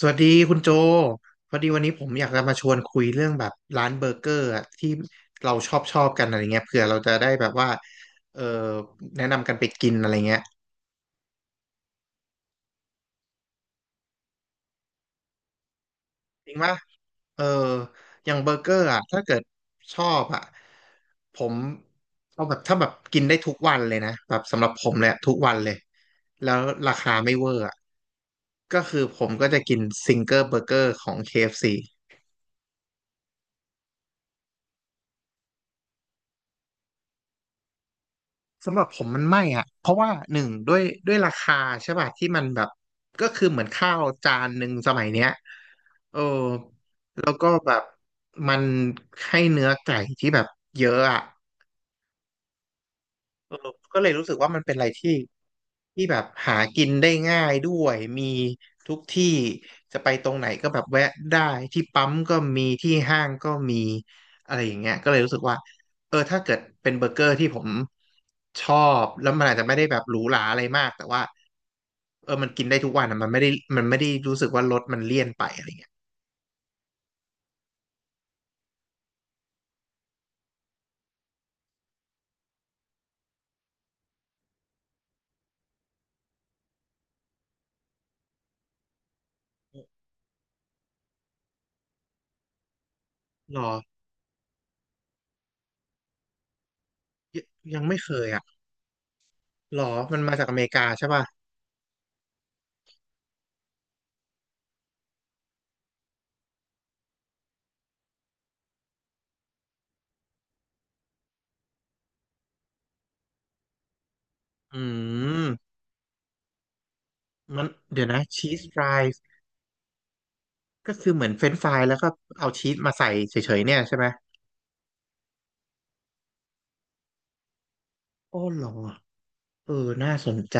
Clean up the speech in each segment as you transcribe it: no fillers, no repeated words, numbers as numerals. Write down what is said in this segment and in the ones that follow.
สวัสดีคุณโจพอดีวันนี้ผมอยากจะมาชวนคุยเรื่องแบบร้านเบอร์เกอร์อะที่เราชอบกันอะไรเงี้ยเผื่อเราจะได้แบบว่าเออแนะนำกันไปกินอะไรเงี้ยจริงปะเอออย่างเบอร์เกอร์อะถ้าเกิดชอบอะผมเอาแบบถ้าแบบกินได้ทุกวันเลยนะแบบสำหรับผมเลยอะทุกวันเลยแล้วราคาไม่เวอร์อะก็คือผมก็จะกินซิงเกิลเบอร์เกอร์ของ KFC สำหรับผมมันไม่อ่ะเพราะว่าหนึ่งด้วยราคาใช่ป่ะที่มันแบบก็คือเหมือนข้าวจานหนึ่งสมัยเนี้ยเออแล้วก็แบบมันให้เนื้อไก่ที่แบบเยอะอ่ะ เออก็เลยรู้สึกว่ามันเป็นอะไรที่แบบหากินได้ง่ายด้วยมีทุกที่จะไปตรงไหนก็แบบแวะได้ที่ปั๊มก็มีที่ห้างก็มีอะไรอย่างเงี้ยก็เลยรู้สึกว่าเออถ้าเกิดเป็นเบอร์เกอร์ที่ผมชอบแล้วมันอาจจะไม่ได้แบบหรูหราอะไรมากแต่ว่าเออมันกินได้ทุกวันอะมันไม่ได้รู้สึกว่ารสมันเลี่ยนไปอะไรเงี้ยหรอยังไม่เคยอ่ะหรอมันมาจากอเมริกาใช่ป่ะอืมมันเดี๋ยวนะชีสฟราย ก็คือเหมือนเฟรนช์ฟรายแล้วก็เอาชีสมาใส่เฉยๆเนี่ยใช่ไหมโอ้เหรอเออน่าสนใจ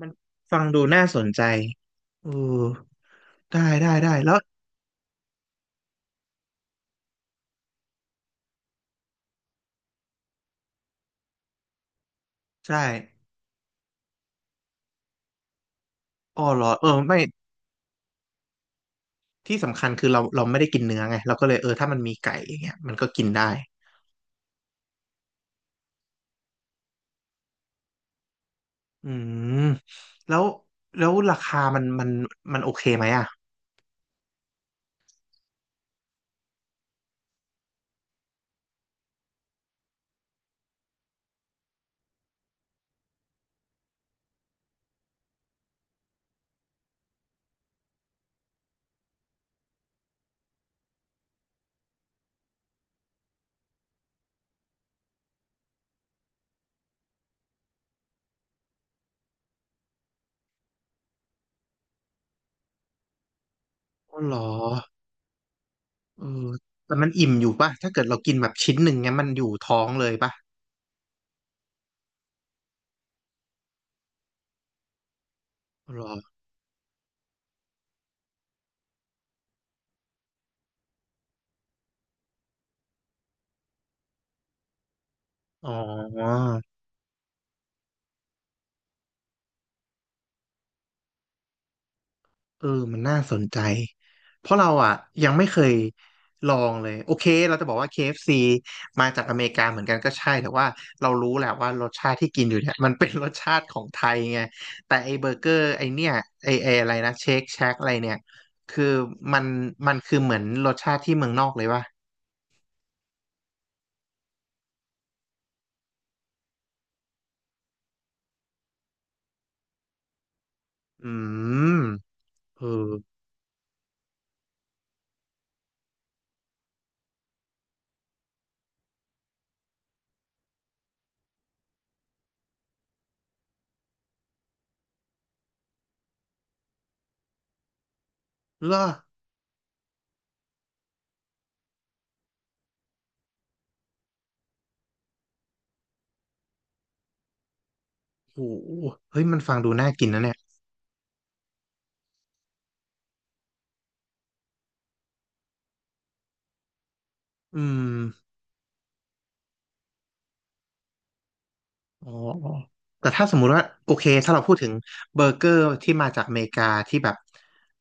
มันฟังดูน่าสนใจเออได้ได้ได้ แล้วใช่อ๋อเหรอเออไม่ที่สำคัญคือเราไม่ได้กินเนื้อไงเราก็เลยเออถ้ามันมีไก่อย่างเงี้ยมันก็กินได้อืมแล้วแล้วราคามันโอเคไหมอ่ะอ๋อเหรอเออแต่มันอิ่มอยู่ป่ะถ้าเกิดเรากินแบบชิ้นหนึ่งเงี้ยมันอยู่ท้องเลยป่ะอ๋อเหรออ๋อ เออมันน่าสนใจ เพราะเราอ่ะยังไม่เคยลองเลย โอเคเราจะบอกว่า KFC มาจากอเมริกาเหมือนกันก็ใช่แต่ว่าเรารู้แหละว่ารสชาติที่กินอยู่เนี่ย มันเป็นรสชาติของไทยไงแต่ไอเบอร์เกอร์ไอเนี่ยไออะไรนะเชคแช็กอะไรเนี่ยคือมันคือเหมือนรสชาติที่เมืองนอกเลยว่ะอืมเออเหรอโหเฮ้ยมันฟังดูน่ากินนะเนี่ยอืม อ๋ออ๋อแต่ถ้าสมมุติว่าโอเคถ้าเราพูดถึงเบอร์เกอร์ที่มาจากอเมริกาที่แบบ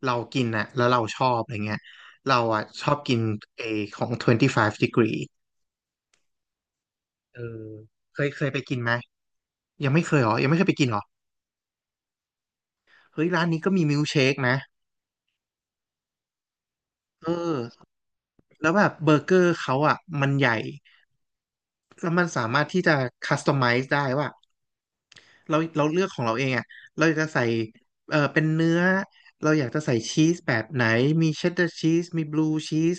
เรากินน่ะแล้วเราชอบอะไรเงี้ยเราอ่ะชอบกินเอของ25 degree เออเคยไปกินไหมยังไม่เคยเหรอยังไม่เคยไปกินเหรอเฮ้ยร้านนี้ก็มีมิลค์เชคนะเออแล้วแบบเบอร์เกอร์เขาอ่ะมันใหญ่แล้วมันสามารถที่จะคัสตอมไมซ์ได้ว่า เราเลือกของเราเองอ่ะเราอยากจะใส่เออเป็นเนื้อเราอยากจะใส่ชีสแบบไหนมีเชดดาร์ชีสมีบลูชีส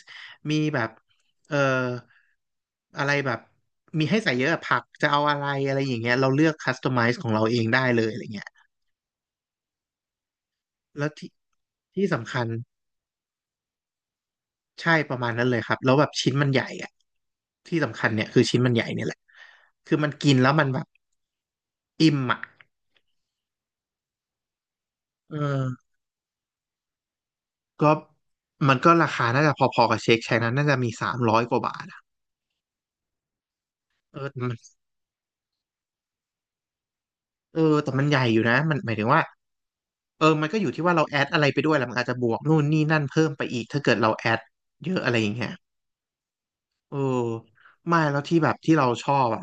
มีแบบเอออะไรแบบมีให้ใส่เยอะอะผักจะเอาอะไรอะไรอย่างเงี้ยเราเลือกคัสตอมไมซ์ของเราเองได้เลยอะไรเงี้ยแล้วที่ที่สำคัญใช่ประมาณนั้นเลยครับแล้วแบบชิ้นมันใหญ่อ่ะที่สำคัญเนี่ยคือชิ้นมันใหญ่เนี่ยแหละคือมันกินแล้วมันแบบอิ่มอ่ะเออก็มันก็ราคาน่าจะพอๆกับเชคไชนั้นน่าจะมีสามร้อยกว่าบาท เออแต่มันเออแต่มันใหญ่อยู่นะมันหมายถึงว่าเออมันก็อยู่ที่ว่าเราแอดอะไรไปด้วยแหละมันอาจจะบวกนู่นนี่นั่นเพิ่มไปอีกถ้าเกิดเราแอดเยอะอะไรอย่างเงี้ยเออไม่แล้วที่แบบที่เราชอบอ่ะ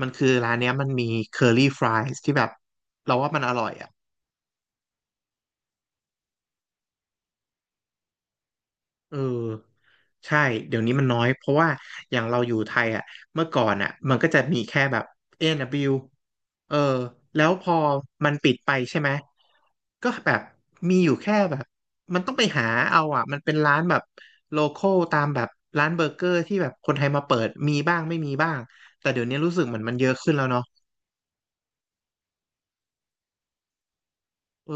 มันคือร้านเนี้ยมันมีเคอรี่ฟรายส์ที่แบบเราว่ามันอร่อยอ่ะ เออใช่เดี๋ยวนี้มันน้อยเพราะว่าอย่างเราอยู่ไทยอ่ะเมื่อก่อนอ่ะมันก็จะมีแค่แบบ A&W เบิลยูเออแล้วพอมันปิดไปใช่ไหมก็แบบมีอยู่แค่แบบมันต้องไปหาเอาอ่ะมันเป็นร้านแบบโลคอลตามแบบร้านเบอร์เกอร์ที่แบบคนไทยมาเปิดมีบ้างไม่มีบ้างแต่เดี๋ยวนี้รู้สึกเหมือนมันเยอะขึ้นแล้วเนาะเออ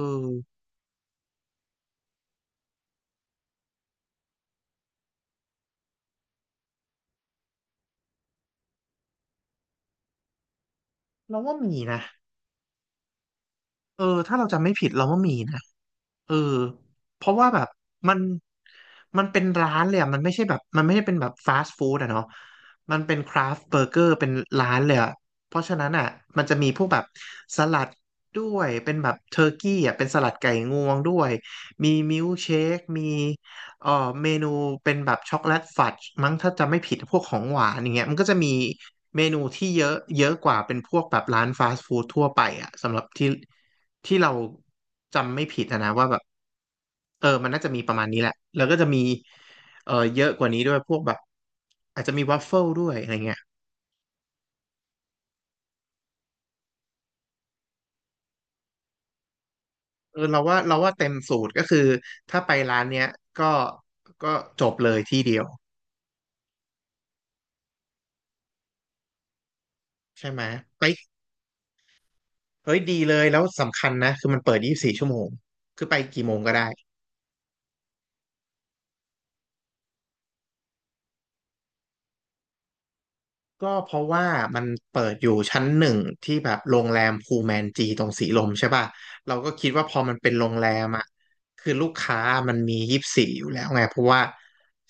เราว่ามีนะเออถ้าเราจำไม่ผิดเราว่ามีนะ เออเพราะว่าแบบมันมันเป็นร้านเลยอ่ะมันไม่ใช่แบบมันไม่ได้เป็นแบบฟาสต์ฟู้ดอะเนาะมันเป็นคราฟต์เบอร์เกอร์เป็นร้านเลยอ่ะเพราะฉะนั้นอ่ะมันจะมีพวกแบบสลัดด้วยเป็นแบบเทอร์กี้อ่ะเป็นสลัดไก่งวงด้วยมีมิลค์เชคมีเอ่อเมนูเป็นแบบช็อกโกแลตฟัดมั้งถ้าจะไม่ผิดพวกของหวานอย่างเงี้ยมันก็จะมีเมนูที่เยอะเยอะกว่าเป็นพวกแบบร้านฟาสต์ฟู้ดทั่วไปอ่ะสำหรับที่ ที่เราจำไม่ผิดอะนะว่าแบบเออมันน่าจะมีประมาณนี้แหละแล้วก็จะมีเออเยอะกว่านี้ด้วยพวกแบบอาจจะมีวัฟเฟิลด้วยอะไรเงี้ยเออเราว่าเต็มสูตรก็คือถ้าไปร้านเนี้ยก็ก็จบเลยที่เดียวใช่ไหมไปเฮ้ยดีเลยแล้วสำคัญนะคือมันเปิด24 ชั่วโมงคือไปกี่โมงก็ได้ ก็เพราะว่ามันเปิดอยู่ชั้น 1ที่แบบโรงแรมพูแมนจีตรงสีลมใช่ป่ะเราก็คิดว่าพอมันเป็นโรงแรมอ่ะคือลูกค้ามันมียี่สิบสี่อยู่แล้วไงเพราะว่า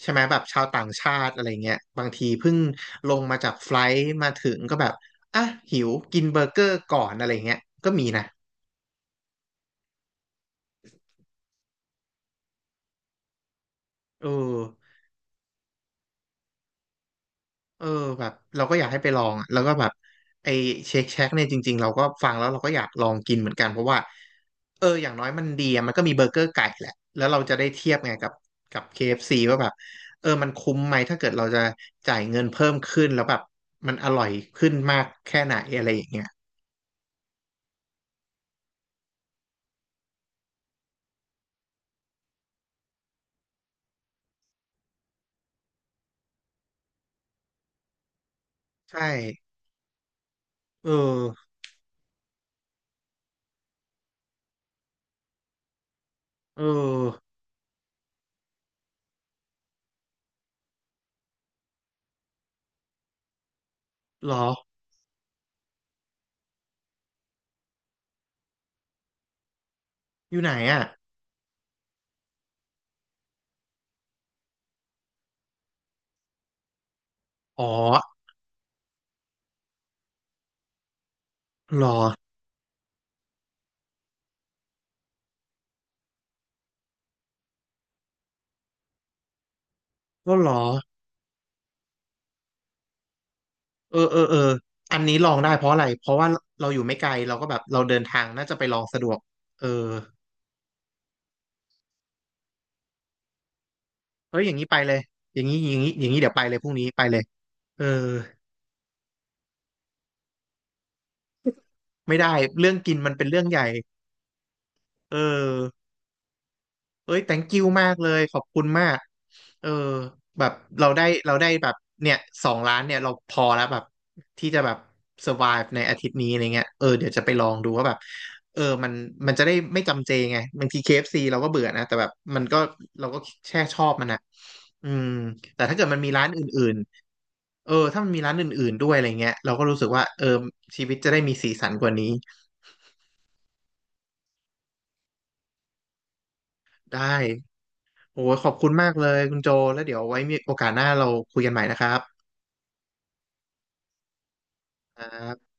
ใช่ไหมแบบชาวต่างชาติอะไรเงี้ยบางทีเพิ่งลงมาจากไฟลท์มาถึงก็แบบอ่ะหิวกินเบอร์เกอร์ก่อนอะไรเงี้ยก็มีนะเออ เออแบบเราก็อยากให้ไปลองอะแล้วก็แบบไอเชคแชกเนี่ยจริงๆเราก็ฟังแล้วเราก็อยากลองกินเหมือนกันเพราะว่าเอออย่างน้อยมันดีอะมันก็มีเบอร์เกอร์ไก่แหละแล้วเราจะได้เทียบไงกับ KFC ว่าแบบเออมันคุ้มไหมถ้าเกิดเราจะจ่ายเงินเพิ่มขึ้นแล้วแบบมันอร่อยขึ้นมากแค่ไหนอะไรอย่างเงี้ยใช่เออเออหรออยู่ไหนอ่ะอ๋อหรอก็หรอ เออเออเอออันนี้ลองได้เพราะอะไร เพราะว่าเราอยู่ไม่ไกลเราก็แบบเราเดินทางน่าจะไปลองสะดวกเออเฮ้ยอย่างนี้ไปเลย อย่างนี้เดี๋ยวไปเลยพรุ่งนี้ไปเลยเออไม่ได้เรื่องกินมันเป็นเรื่องใหญ่เออ เอ้ย thank you มากเลยขอบคุณมากเออแบบเราได้แบบเนี่ย2 ล้านเนี่ยเราพอแล้วแบบที่จะแบบ survive ในอาทิตย์นี้อะไรเงี้ยเออเดี๋ยวจะไปลองดูว่าแบบเออมันจะได้ไม่จำเจไงบางที KFC เอฟซีเราก็เบื่อนะแต่แบบมันก็เราก็แช่ชอบมันนะอืมแต่ถ้าเกิดมันมีร้านอื่นๆเออถ้ามันมีร้านอื่นๆด้วยอะไรเงี้ยเราก็รู้สึกว่าเออชีวิตจะได้มีสีสันกว่านี้ได้โอ้ยขอบคุณมากเลยคุณโจแล้วเดี๋ยวไว้มีโอกาสหน้าเราคุยกันใหม่นะครับ อ่า